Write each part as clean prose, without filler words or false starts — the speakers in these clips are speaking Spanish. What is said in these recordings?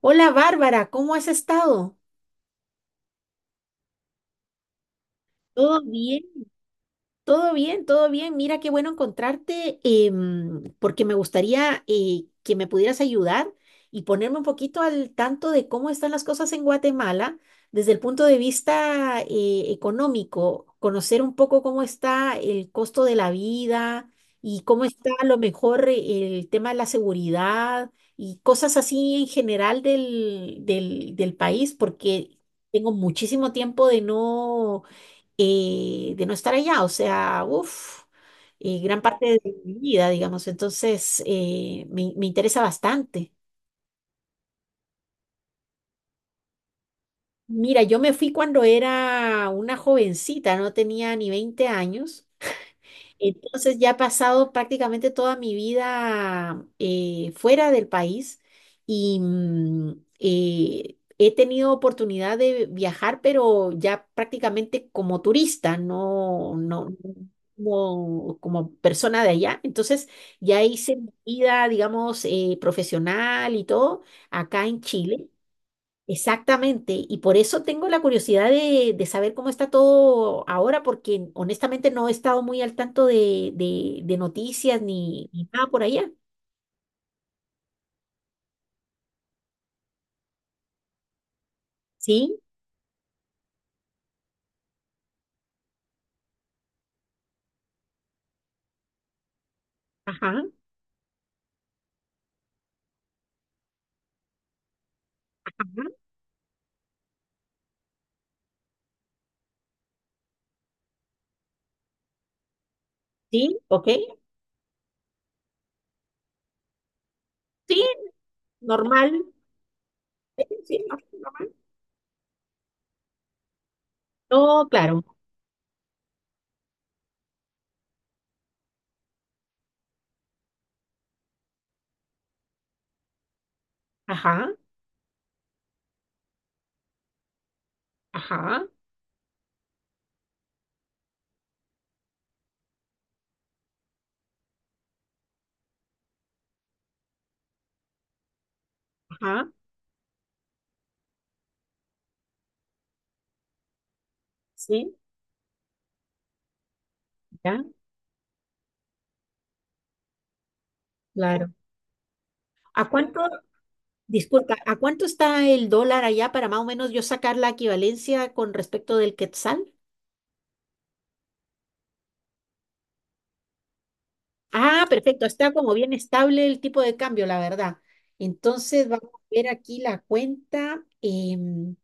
Hola Bárbara, ¿cómo has estado? Todo bien, todo bien, todo bien. Mira, qué bueno encontrarte, porque me gustaría que me pudieras ayudar y ponerme un poquito al tanto de cómo están las cosas en Guatemala desde el punto de vista económico, conocer un poco cómo está el costo de la vida y cómo está a lo mejor el tema de la seguridad y cosas así en general del país, porque tengo muchísimo tiempo de de no estar allá, o sea, uff, gran parte de mi vida, digamos, entonces me interesa bastante. Mira, yo me fui cuando era una jovencita, no tenía ni 20 años. Entonces ya he pasado prácticamente toda mi vida fuera del país y he tenido oportunidad de viajar, pero ya prácticamente como turista, no, no, no como persona de allá. Entonces ya hice mi vida, digamos, profesional y todo acá en Chile. Exactamente, y por eso tengo la curiosidad de saber cómo está todo ahora, porque honestamente no he estado muy al tanto de noticias ni nada por allá. Sí, ajá, ajá, sí, ok, sí, normal. Sí, sí, normal. No, claro, ajá, ajá, ajá, sí, ya, claro. ¿A cuánto, Disculpa, ¿a cuánto está el dólar allá para más o menos yo sacar la equivalencia con respecto del quetzal? Ah, perfecto, está como bien estable el tipo de cambio, la verdad. Entonces vamos a ver aquí la cuenta.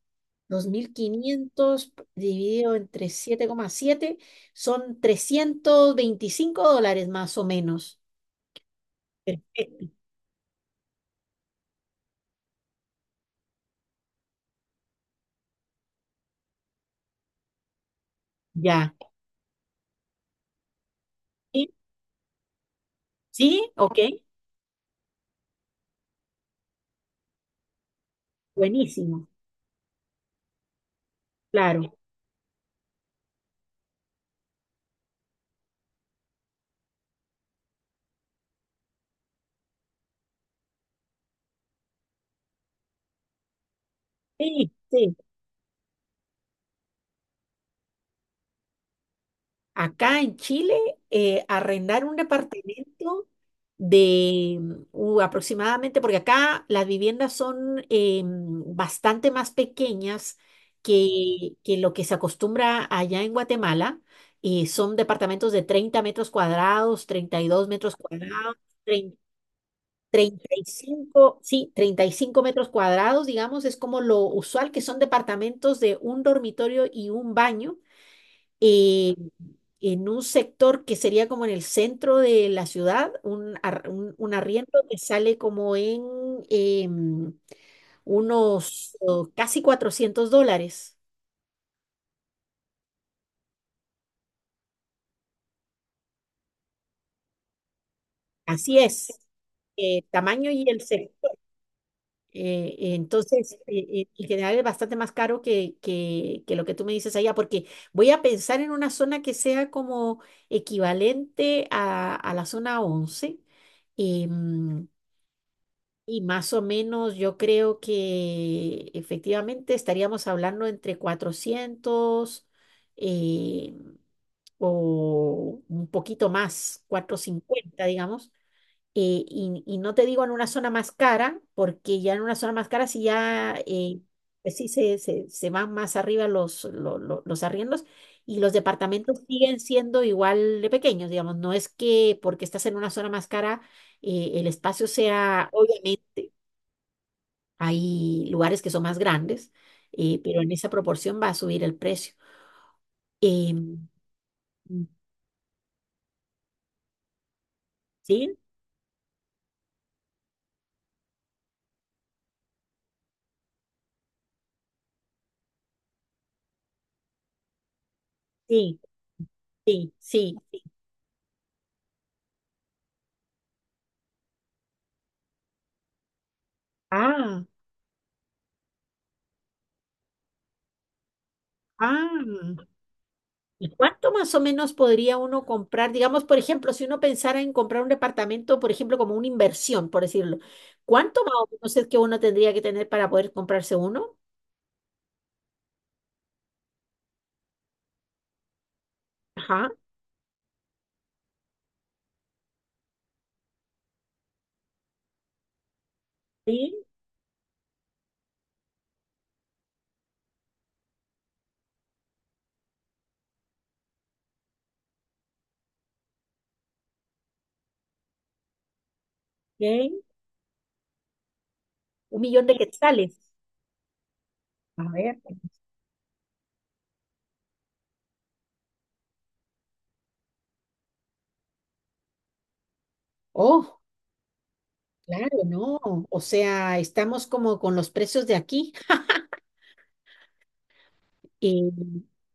2.500 dividido entre 7,7 son 325 dólares más o menos. Perfecto, ya. ¿Sí? ¿Sí? Ok, buenísimo, claro. Sí, sí. Acá en Chile, arrendar un departamento de aproximadamente, porque acá las viviendas son bastante más pequeñas que lo que se acostumbra allá en Guatemala, y son departamentos de 30 metros cuadrados, 32 metros cuadrados, trein- 35, sí, 35 metros cuadrados, digamos, es como lo usual, que son departamentos de un dormitorio y un baño, eh, en un sector que sería como en el centro de la ciudad, un arriendo que sale como en, em, unos, casi 400 dólares. Así es, tamaño y el sector. Entonces, en general es bastante más caro que, que lo que tú me dices allá, porque voy a pensar en una zona que sea como equivalente a la zona 11. em, Y más o menos yo creo que efectivamente estaríamos hablando entre 400, eh, o un poquito más, 450, digamos. Y no te digo en una zona más cara, porque ya en una zona más cara si ya pues sí se van más arriba los arriendos y los departamentos siguen siendo igual de pequeños, digamos. No es que porque estás en una zona más cara el espacio sea, obviamente. Hay lugares que son más grandes, pero en esa proporción va a subir el precio. Em, mm, sí, sí, sí, sí. Ah, ah. ¿Y cuánto más o menos podría uno comprar? Digamos, por ejemplo, si uno pensara en comprar un departamento, por ejemplo, como una inversión, por decirlo, ¿cuánto más o menos es que uno tendría que tener para poder comprarse uno? Ajá, sí, ok. Un millón de quetzales. A ver. Oh, claro, no. O sea, estamos como con los precios de aquí. Eh,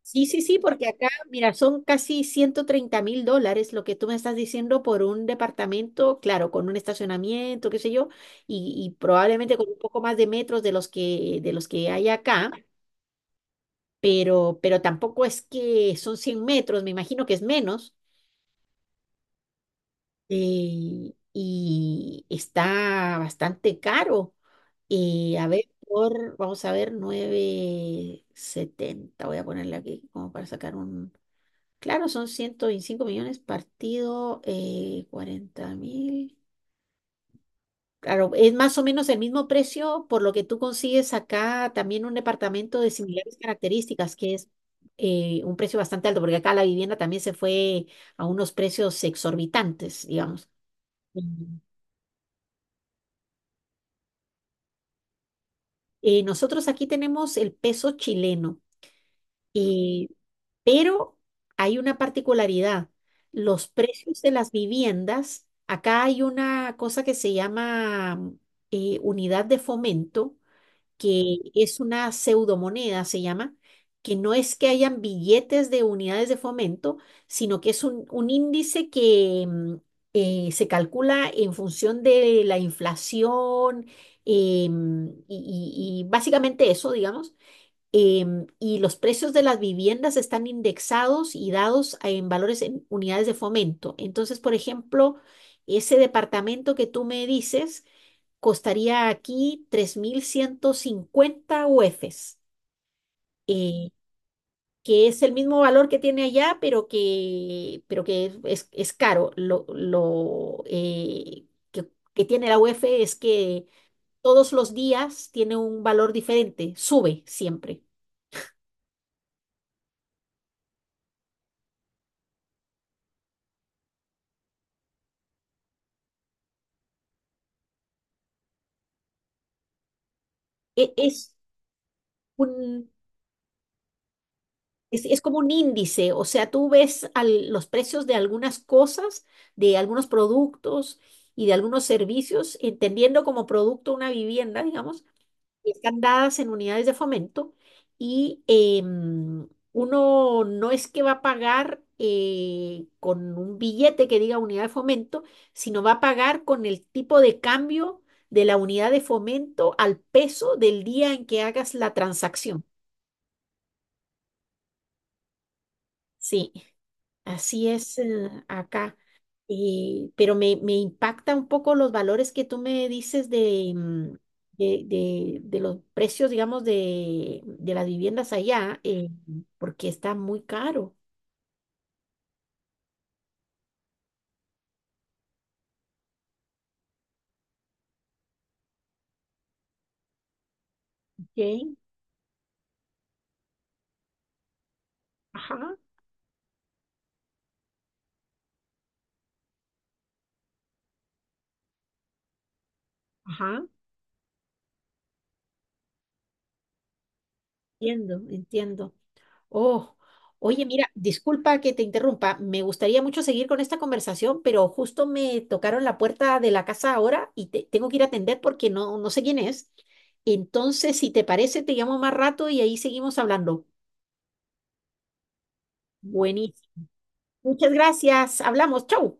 sí, sí, sí, porque acá, mira, son casi 130.000 dólares lo que tú me estás diciendo por un departamento, claro, con un estacionamiento, qué sé yo, y probablemente con un poco más de metros de los que hay acá, pero tampoco es que son 100 metros, me imagino que es menos, y está bastante caro. A ver, vamos a ver, 970 voy a ponerle aquí como para sacar un... Claro, son 125 millones partido 40 mil. Claro, es más o menos el mismo precio por lo que tú consigues acá también un departamento de similares características, que es un precio bastante alto, porque acá la vivienda también se fue a unos precios exorbitantes, digamos. Ujú. Nosotros aquí tenemos el peso chileno. Eh, pero hay una particularidad. Los precios de las viviendas, acá hay una cosa que se llama unidad de fomento, que es una pseudomoneda, se llama, que no es que hayan billetes de unidades de fomento, sino que es un índice que se calcula en función de la inflación, y básicamente eso, digamos. Y los precios de las viviendas están indexados y dados en valores en unidades de fomento. Entonces, por ejemplo, ese departamento que tú me dices costaría aquí 3.150 UFs, eh, que es el mismo valor que tiene allá, pero que es caro. Lo que tiene la UF es que todos los días tiene un valor diferente, sube siempre. E- Es, un, es como un índice, o sea, tú ves los precios de algunas cosas, de algunos productos y de algunos servicios, entendiendo como producto una vivienda, digamos, y están dadas en unidades de fomento y uno no es que va a pagar con un billete que diga unidad de fomento, sino va a pagar con el tipo de cambio de la unidad de fomento al peso del día en que hagas la transacción. Sí. Así es, acá. Pero me impacta un poco los valores que tú me dices de los precios, digamos, de las viviendas allá, porque está muy caro. Ok, ajá, ajá. Entiendo, entiendo. Oh, oye, mira, disculpa que te interrumpa. Me gustaría mucho seguir con esta conversación, pero justo me tocaron la puerta de la casa ahora y tengo que ir a atender porque no, no sé quién es. Entonces, si te parece, te llamo más rato y ahí seguimos hablando. Buenísimo. Muchas gracias. Hablamos. Chau.